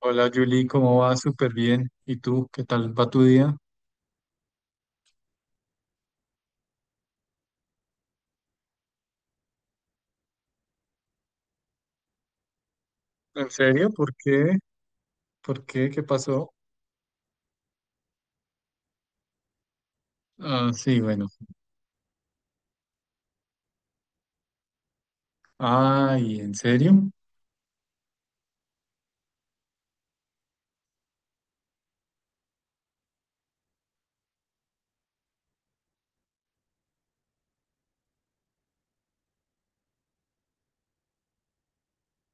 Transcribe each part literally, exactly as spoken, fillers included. Hola Julie, ¿cómo va? Súper bien. ¿Y tú? ¿Qué tal va tu día? ¿En serio? ¿Por qué? ¿Por qué? ¿Qué pasó? Ah, sí, bueno. Ay, ¿en serio?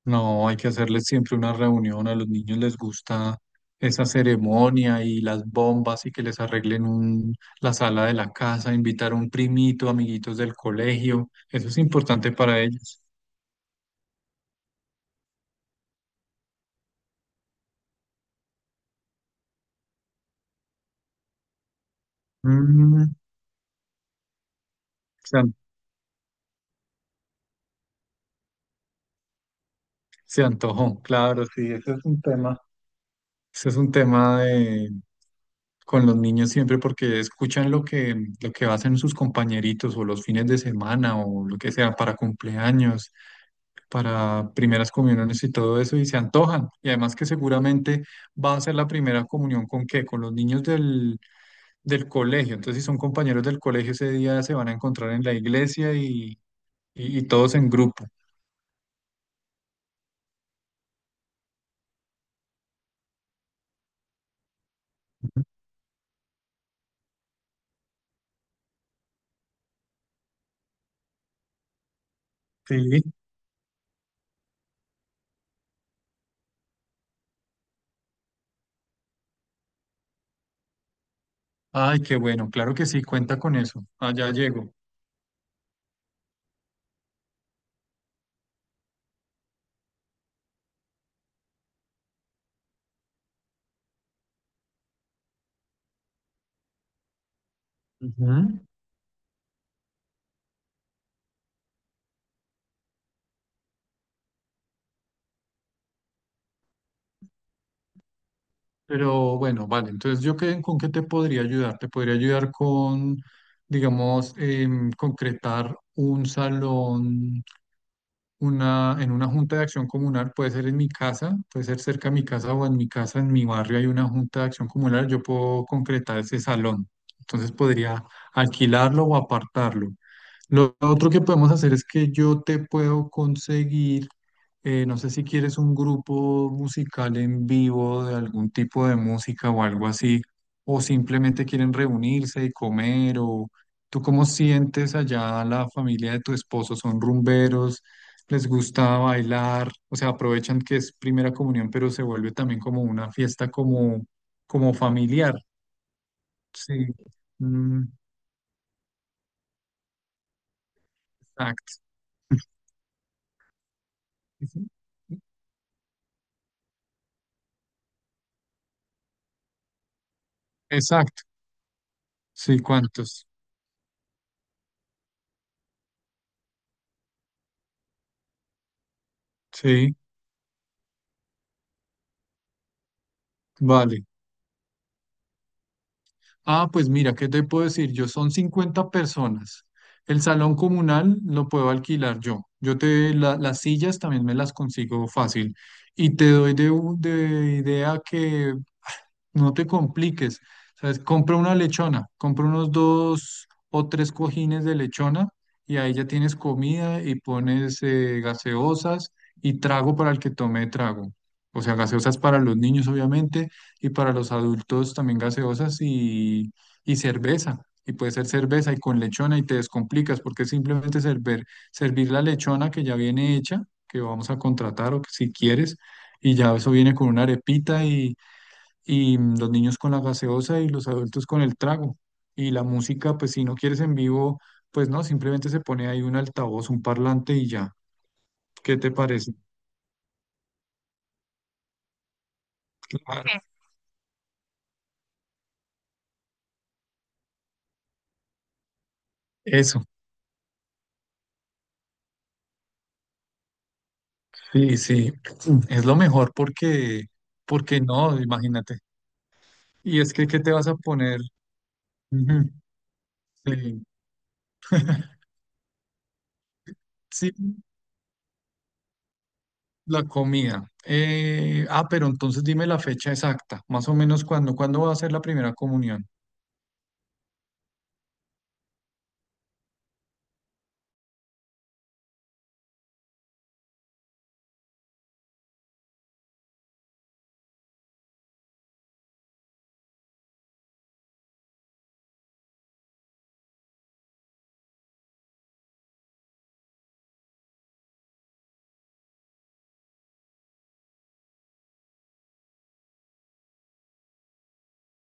No, hay que hacerles siempre una reunión. A los niños les gusta esa ceremonia y las bombas y que les arreglen un, la sala de la casa, invitar a un primito, amiguitos del colegio. Eso es importante para ellos. Mm, se, an- Se antojó, claro, sí, ese es un tema. Ese es un tema de con los niños siempre porque escuchan lo que, lo que hacen sus compañeritos o los fines de semana o lo que sea para cumpleaños, para primeras comuniones y todo eso y se antojan. Y además que seguramente va a ser la primera comunión con qué, con los niños del, del colegio. Entonces si son compañeros del colegio ese día se van a encontrar en la iglesia y, y, y todos en grupo. Sí. Ay, qué bueno, claro que sí, cuenta con eso. Allá llego. Ujú. Pero bueno, vale, entonces yo qué, con qué te podría ayudar. Te podría ayudar con, digamos, em, concretar un salón, una, en una junta de acción comunal, puede ser en mi casa, puede ser cerca de mi casa o en mi casa, en mi barrio hay una junta de acción comunal, yo puedo concretar ese salón. Entonces podría alquilarlo o apartarlo. Lo otro que podemos hacer es que yo te puedo conseguir eh, no sé si quieres un grupo musical en vivo de algún tipo de música o algo así, o simplemente quieren reunirse y comer, o tú cómo sientes allá la familia de tu esposo, son rumberos, les gusta bailar, o sea, aprovechan que es primera comunión, pero se vuelve también como una fiesta como, como familiar. Sí, Mm, exacto. Ujú. Exacto. Sí, ¿cuántos? Sí, vale. Ah, pues mira, ¿qué te puedo decir? Yo son cincuenta personas. El salón comunal lo puedo alquilar yo. Yo te, la- las sillas también me las consigo fácil. Y te doy de, u- de idea que no te compliques, ¿sabes? Compra una lechona, compra unos dos o tres cojines de lechona y ahí ya tienes comida y pones eh, gaseosas y trago para el que tome trago. O sea, gaseosas para los niños, obviamente, y para los adultos también gaseosas y, y cerveza. Y puede ser cerveza y con lechona y te descomplicas porque es simplemente servir, servir la lechona que ya viene hecha, que vamos a contratar o que si quieres, y ya eso viene con una arepita y mm, los niños con la gaseosa y los adultos con el trago. Y la música, pues si no quieres en vivo, pues no, simplemente se pone ahí un altavoz, un parlante y ya. ¿Qué te parece? Claro. Ok. Eso, sí, sí, es lo mejor porque, porque no, imagínate. Y es que, ¿qué te vas a poner? Ujú, Sí. Sí, la comida. Eh, ah, pero entonces dime la fecha exacta, más o menos cuándo, cuándo va a ser la primera comunión.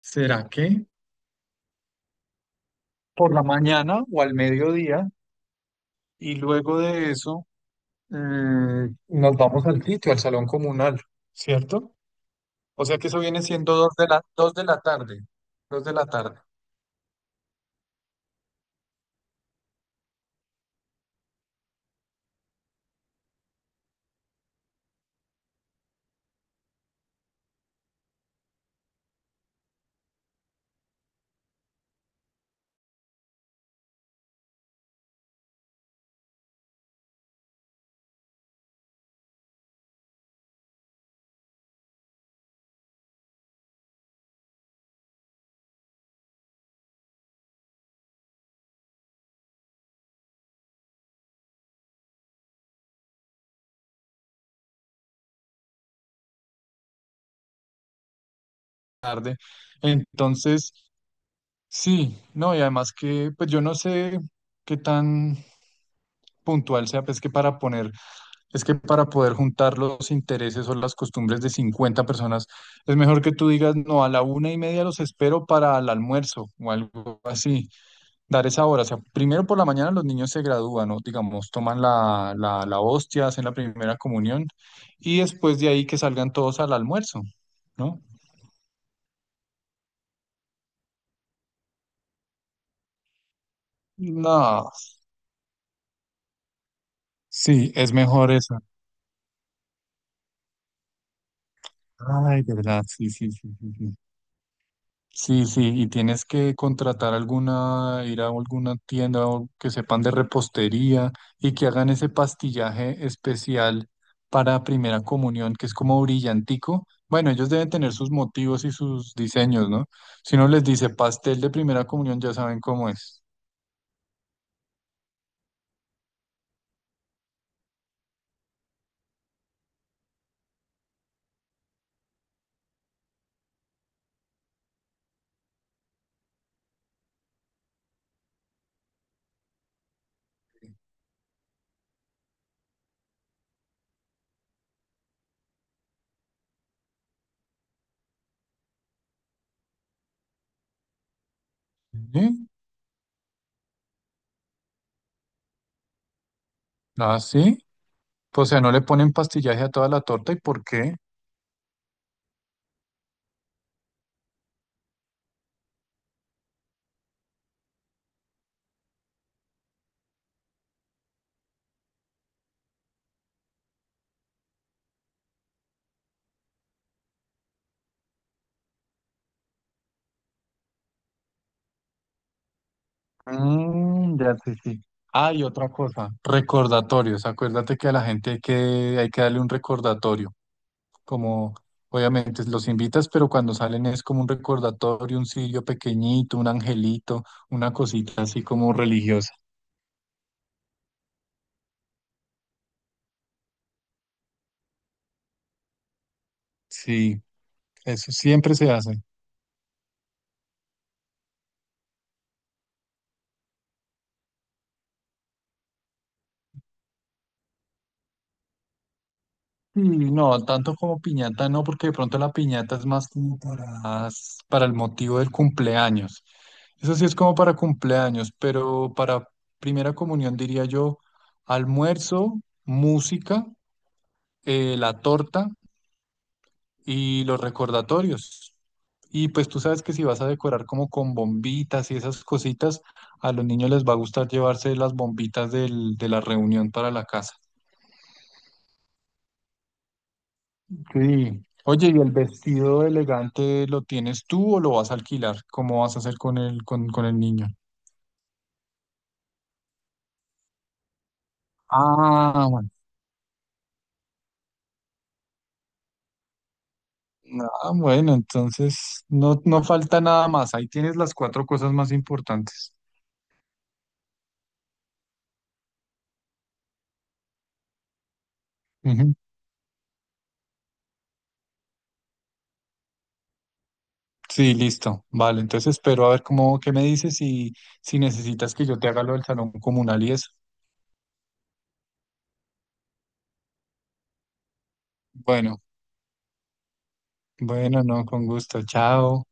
¿Será que por la mañana o al mediodía? Y luego de eso, mm, nos vamos al sitio, al salón comunal, ¿cierto? O sea que eso viene siendo dos de la, dos de la tarde, dos de la tarde, tarde. Entonces, sí, no, y además que, pues yo no sé qué tan puntual sea, pues que para poner, es que para poder juntar los intereses o las costumbres de cincuenta personas, es mejor que tú digas, no, a la una y media los espero para el almuerzo o algo así. Dar esa hora. O sea, primero por la mañana los niños se gradúan, ¿no? Digamos, toman la, la, la hostia, hacen la primera comunión y después de ahí que salgan todos al almuerzo, ¿no? No, sí, es mejor eso. Ay, de verdad, sí, sí, sí, sí, sí. Sí, sí, y tienes que contratar alguna, ir a alguna tienda o que sepan de repostería y que hagan ese pastillaje especial para Primera Comunión, que es como brillantico. Bueno, ellos deben tener sus motivos y sus diseños, ¿no? Si uno les dice pastel de Primera Comunión, ya saben cómo es. ¿Sí? Ah, sí. Pues, o sea, no le ponen pastillaje a toda la torta, ¿y por qué? Mm, ya sí, sí. Ah, y otra cosa, recordatorios. Acuérdate que a la gente hay que, hay que darle un recordatorio. Como obviamente los invitas, pero cuando salen es como un recordatorio, un sillo pequeñito, un angelito, una cosita así como religiosa. Sí, eso siempre se hace. Sí, no, tanto como piñata no, porque de pronto la piñata es más como para, para el motivo del cumpleaños. Eso sí es como para cumpleaños, pero para primera comunión diría yo almuerzo, música, eh, la torta y los recordatorios. Y pues tú sabes que si vas a decorar como con bombitas y esas cositas, a los niños les va a gustar llevarse las bombitas del- de la reunión para la casa. Sí. Oye, ¿y el vestido elegante lo tienes tú o lo vas a alquilar? ¿Cómo vas a hacer con el, con, con el niño? Ah, no, bueno, entonces no, no falta nada más. Ahí tienes las cuatro cosas más importantes. Ujú. Sí, listo. Vale, entonces espero a ver cómo, qué me dices y si necesitas que yo te haga lo del salón comunal y eso. Bueno, bueno, no, con gusto. Chao.